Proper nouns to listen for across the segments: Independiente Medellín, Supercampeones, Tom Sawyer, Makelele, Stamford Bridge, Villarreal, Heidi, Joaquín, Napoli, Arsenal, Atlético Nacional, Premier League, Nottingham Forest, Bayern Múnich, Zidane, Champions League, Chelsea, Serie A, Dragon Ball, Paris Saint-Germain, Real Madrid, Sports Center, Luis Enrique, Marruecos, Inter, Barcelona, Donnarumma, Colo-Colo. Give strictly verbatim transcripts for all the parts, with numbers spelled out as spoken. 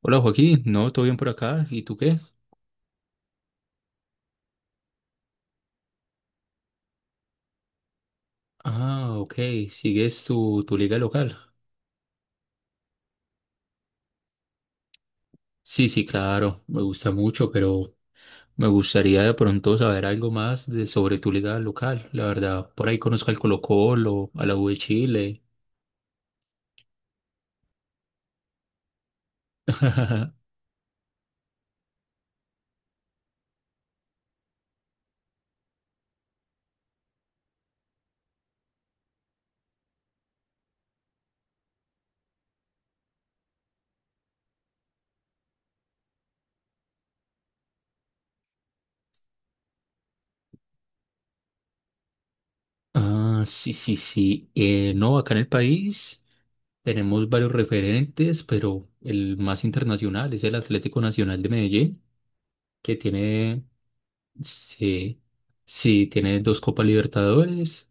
Hola Joaquín, no, todo bien por acá. ¿Y tú qué? Ah, ok, ¿sigues tu, tu liga local? Sí, sí, claro, me gusta mucho, pero me gustaría de pronto saber algo más de, sobre tu liga local. La verdad, por ahí conozco al Colo-Colo, a la U de Chile. Ah, sí, sí, sí. Eh, no, acá en el país tenemos varios referentes, pero el más internacional es el Atlético Nacional de Medellín, que tiene, sí, sí, tiene dos Copas Libertadores.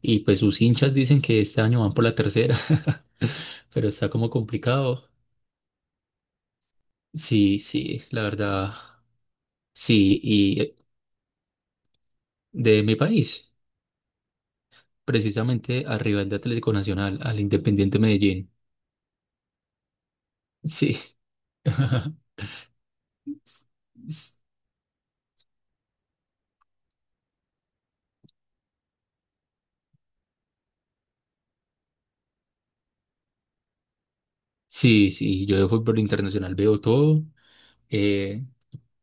Y pues sus hinchas dicen que este año van por la tercera, pero está como complicado. Sí, sí, la verdad, sí. Y eh, de mi país, precisamente al rival de Atlético Nacional, al Independiente Medellín. Sí. S- Sí, sí, yo de fútbol internacional veo todo. Eh,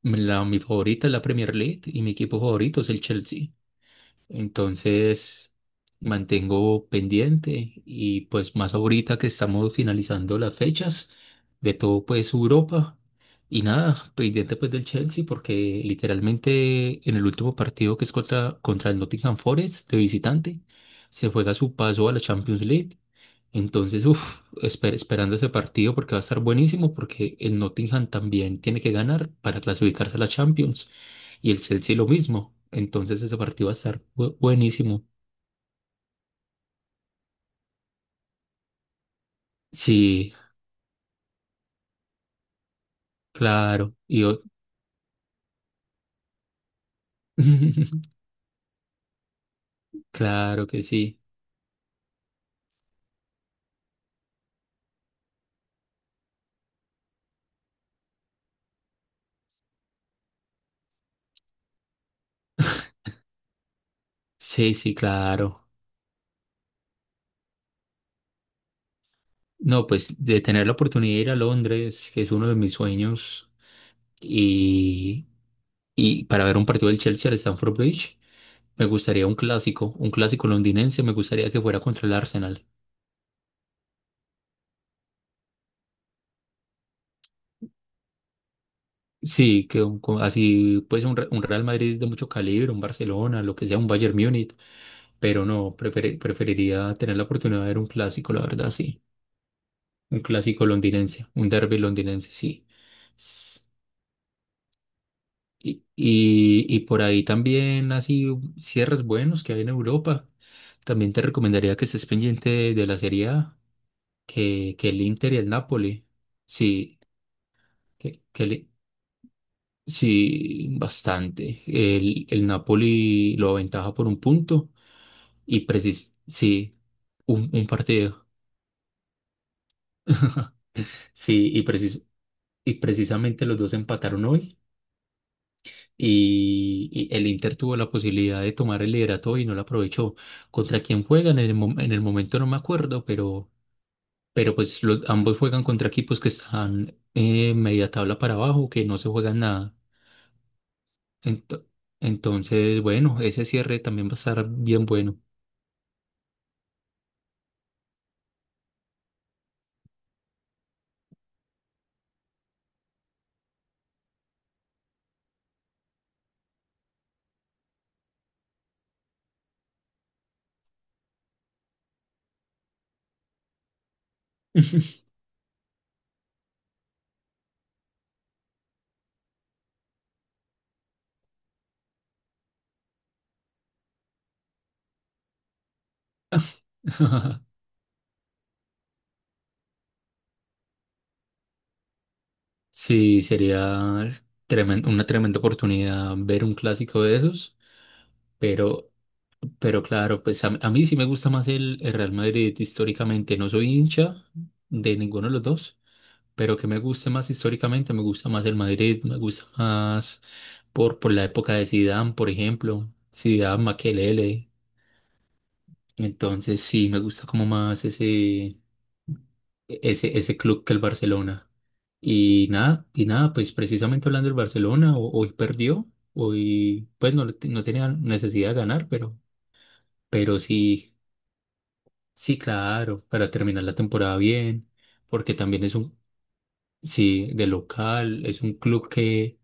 la, Mi favorita es la Premier League y mi equipo favorito es el Chelsea. Entonces, mantengo pendiente y pues más ahorita que estamos finalizando las fechas de todo pues Europa, y nada, pendiente pues del Chelsea porque literalmente en el último partido que es contra, contra el Nottingham Forest de visitante, se juega su paso a la Champions League. Entonces, uff, esperando ese partido porque va a estar buenísimo porque el Nottingham también tiene que ganar para clasificarse a la Champions y el Chelsea lo mismo. Entonces ese partido va a estar bu- buenísimo. Sí, claro. Y ot- claro que sí. Sí, sí, claro. No, pues de tener la oportunidad de ir a Londres, que es uno de mis sueños, y, y para ver un partido del Chelsea al Stamford Bridge, me gustaría un clásico, un clásico londinense, me gustaría que fuera contra el Arsenal. Sí, que un- co- así pues un, Re- un Real Madrid de mucho calibre, un Barcelona, lo que sea, un Bayern Múnich. Pero no, prefer- preferiría tener la oportunidad de ver un clásico, la verdad, sí. Un clásico londinense, un derby londinense, sí. S- Y, y, y por ahí también así cierres buenos que hay en Europa. También te recomendaría que estés pendiente de, la Serie A, que, que el Inter y el Napoli. Sí, que, que el- sí, bastante. El, el Napoli lo aventaja por un punto y precis sí, un, un partido. Sí, y precis y precisamente los dos empataron hoy. Y, y el Inter tuvo la posibilidad de tomar el liderato y no lo aprovechó. ¿Contra quién juegan? En el, mom- en el momento no me acuerdo, pero, pero pues los, ambos juegan contra equipos que están eh, media tabla para abajo, que no se juegan nada. Ento- entonces, bueno, ese cierre también va a estar bien bueno. Sí, sería tremen- una tremenda oportunidad ver un clásico de esos, pero. Pero claro, pues a, a mí sí me gusta más el, el Real Madrid históricamente. No soy hincha de ninguno de los dos, pero que me guste más históricamente, me gusta más el Madrid, me gusta más por, por la época de Zidane, por ejemplo, Zidane, Makelele. Entonces sí, me gusta como más ese, ese, ese club que el Barcelona. Y nada, y nada, pues precisamente hablando del Barcelona, ho- hoy perdió, hoy pues no, no tenía necesidad de ganar, pero, pero sí. Sí, claro, para terminar la temporada bien, porque también es un, sí, de local, es un club que,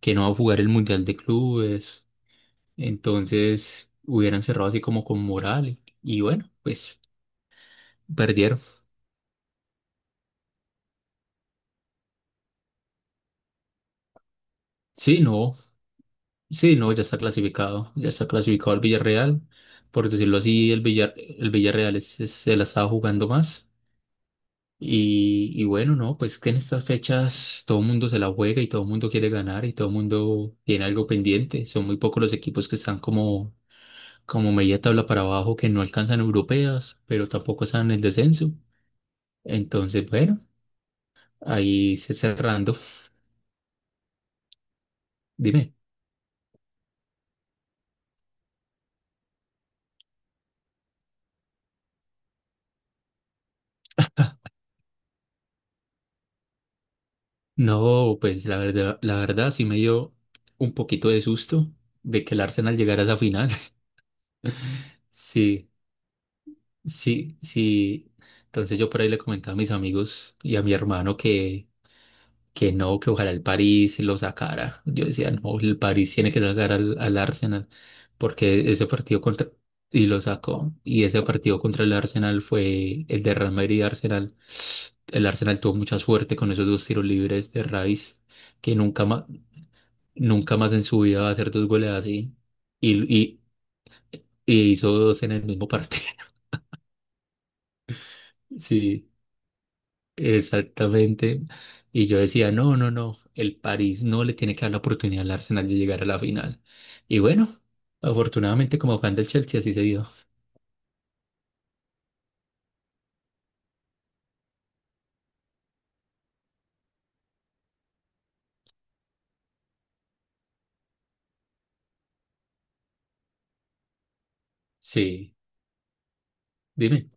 que no va a jugar el Mundial de Clubes, entonces hubieran cerrado así como con moral y, y bueno, pues perdieron. Sí, no, sí, no, ya está clasificado, ya está clasificado el Villarreal, por decirlo así, el Villar, el Villarreal es- es- se la estaba jugando más. Y, y bueno, no, pues que en estas fechas todo el mundo se la juega y todo el mundo quiere ganar y todo el mundo tiene algo pendiente. Son muy pocos los equipos que están como, como media tabla para abajo, que no alcanzan europeas, pero tampoco están en el descenso. Entonces, bueno, ahí se cerrando. Dime. No, pues la verdad, la verdad sí me dio un poquito de susto de que el Arsenal llegara a esa final. Sí, sí, sí. Entonces yo por ahí le comentaba a mis amigos y a mi hermano que que no, que ojalá el París lo sacara. Yo decía, no, el París tiene que sacar al, al Arsenal, porque ese partido contra, y lo sacó, y ese partido contra el Arsenal fue el de Real Madrid y Arsenal. El Arsenal tuvo mucha suerte con esos dos tiros libres de Rice, que nunca más, nunca más en su vida va a hacer dos goles así, y, y, y hizo dos en el mismo partido. Sí. Exactamente. Y yo decía, no, no, no, el París no le tiene que dar la oportunidad al Arsenal de llegar a la final. Y bueno, afortunadamente como fan del Chelsea así se dio. Sí, dime,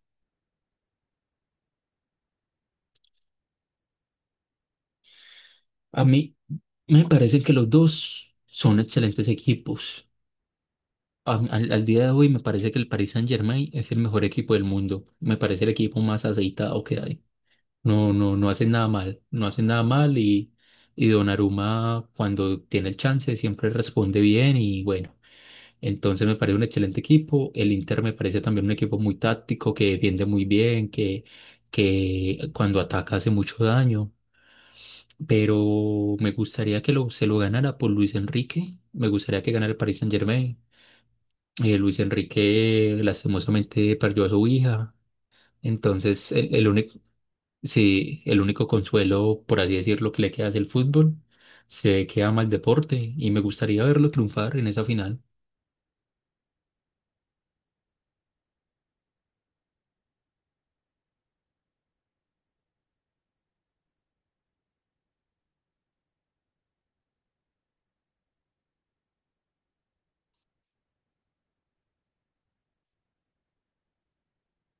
a mí me parece que los dos son excelentes equipos. A- al, al día de hoy me parece que el Paris Saint-Germain es el mejor equipo del mundo. Me parece el equipo más aceitado que hay. No, no, no hacen nada mal, no hacen nada mal y, y Donnarumma cuando tiene el chance siempre responde bien y bueno. Entonces me parece un excelente equipo. El Inter me parece también un equipo muy táctico, que defiende muy bien, que, que cuando ataca hace mucho daño. Pero me gustaría que lo, se lo ganara por Luis Enrique. Me gustaría que ganara el Paris Saint-Germain. Eh, Luis Enrique lastimosamente perdió a su hija. Entonces el, el único, sí, el único consuelo, por así decirlo, que le queda es el fútbol. Se ve que ama el deporte y me gustaría verlo triunfar en esa final.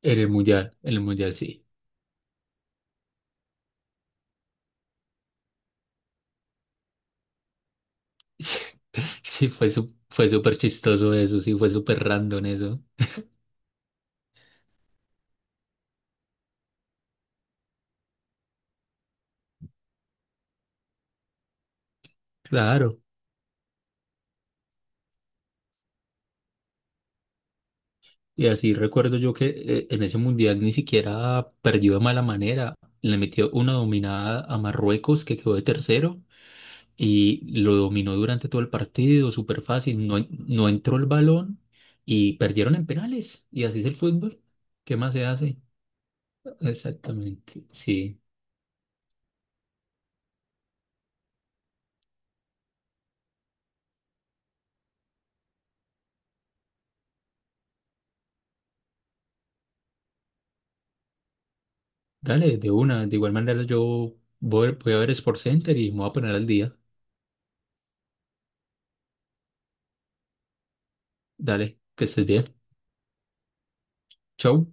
En el mundial, en el mundial sí. Sí, sí, fue, su- fue súper chistoso eso, sí, fue súper random eso. Claro. Y así recuerdo yo que eh, en ese mundial ni siquiera perdió de mala manera. Le metió una dominada a Marruecos que quedó de tercero y lo dominó durante todo el partido, súper fácil. No, en- no entró el balón y perdieron en penales. Y así es el fútbol. ¿Qué más se hace? Exactamente. Sí. Dale, de una. De igual manera yo voy, voy a ver Sports Center y me voy a poner al día. Dale, que estés bien. Chau.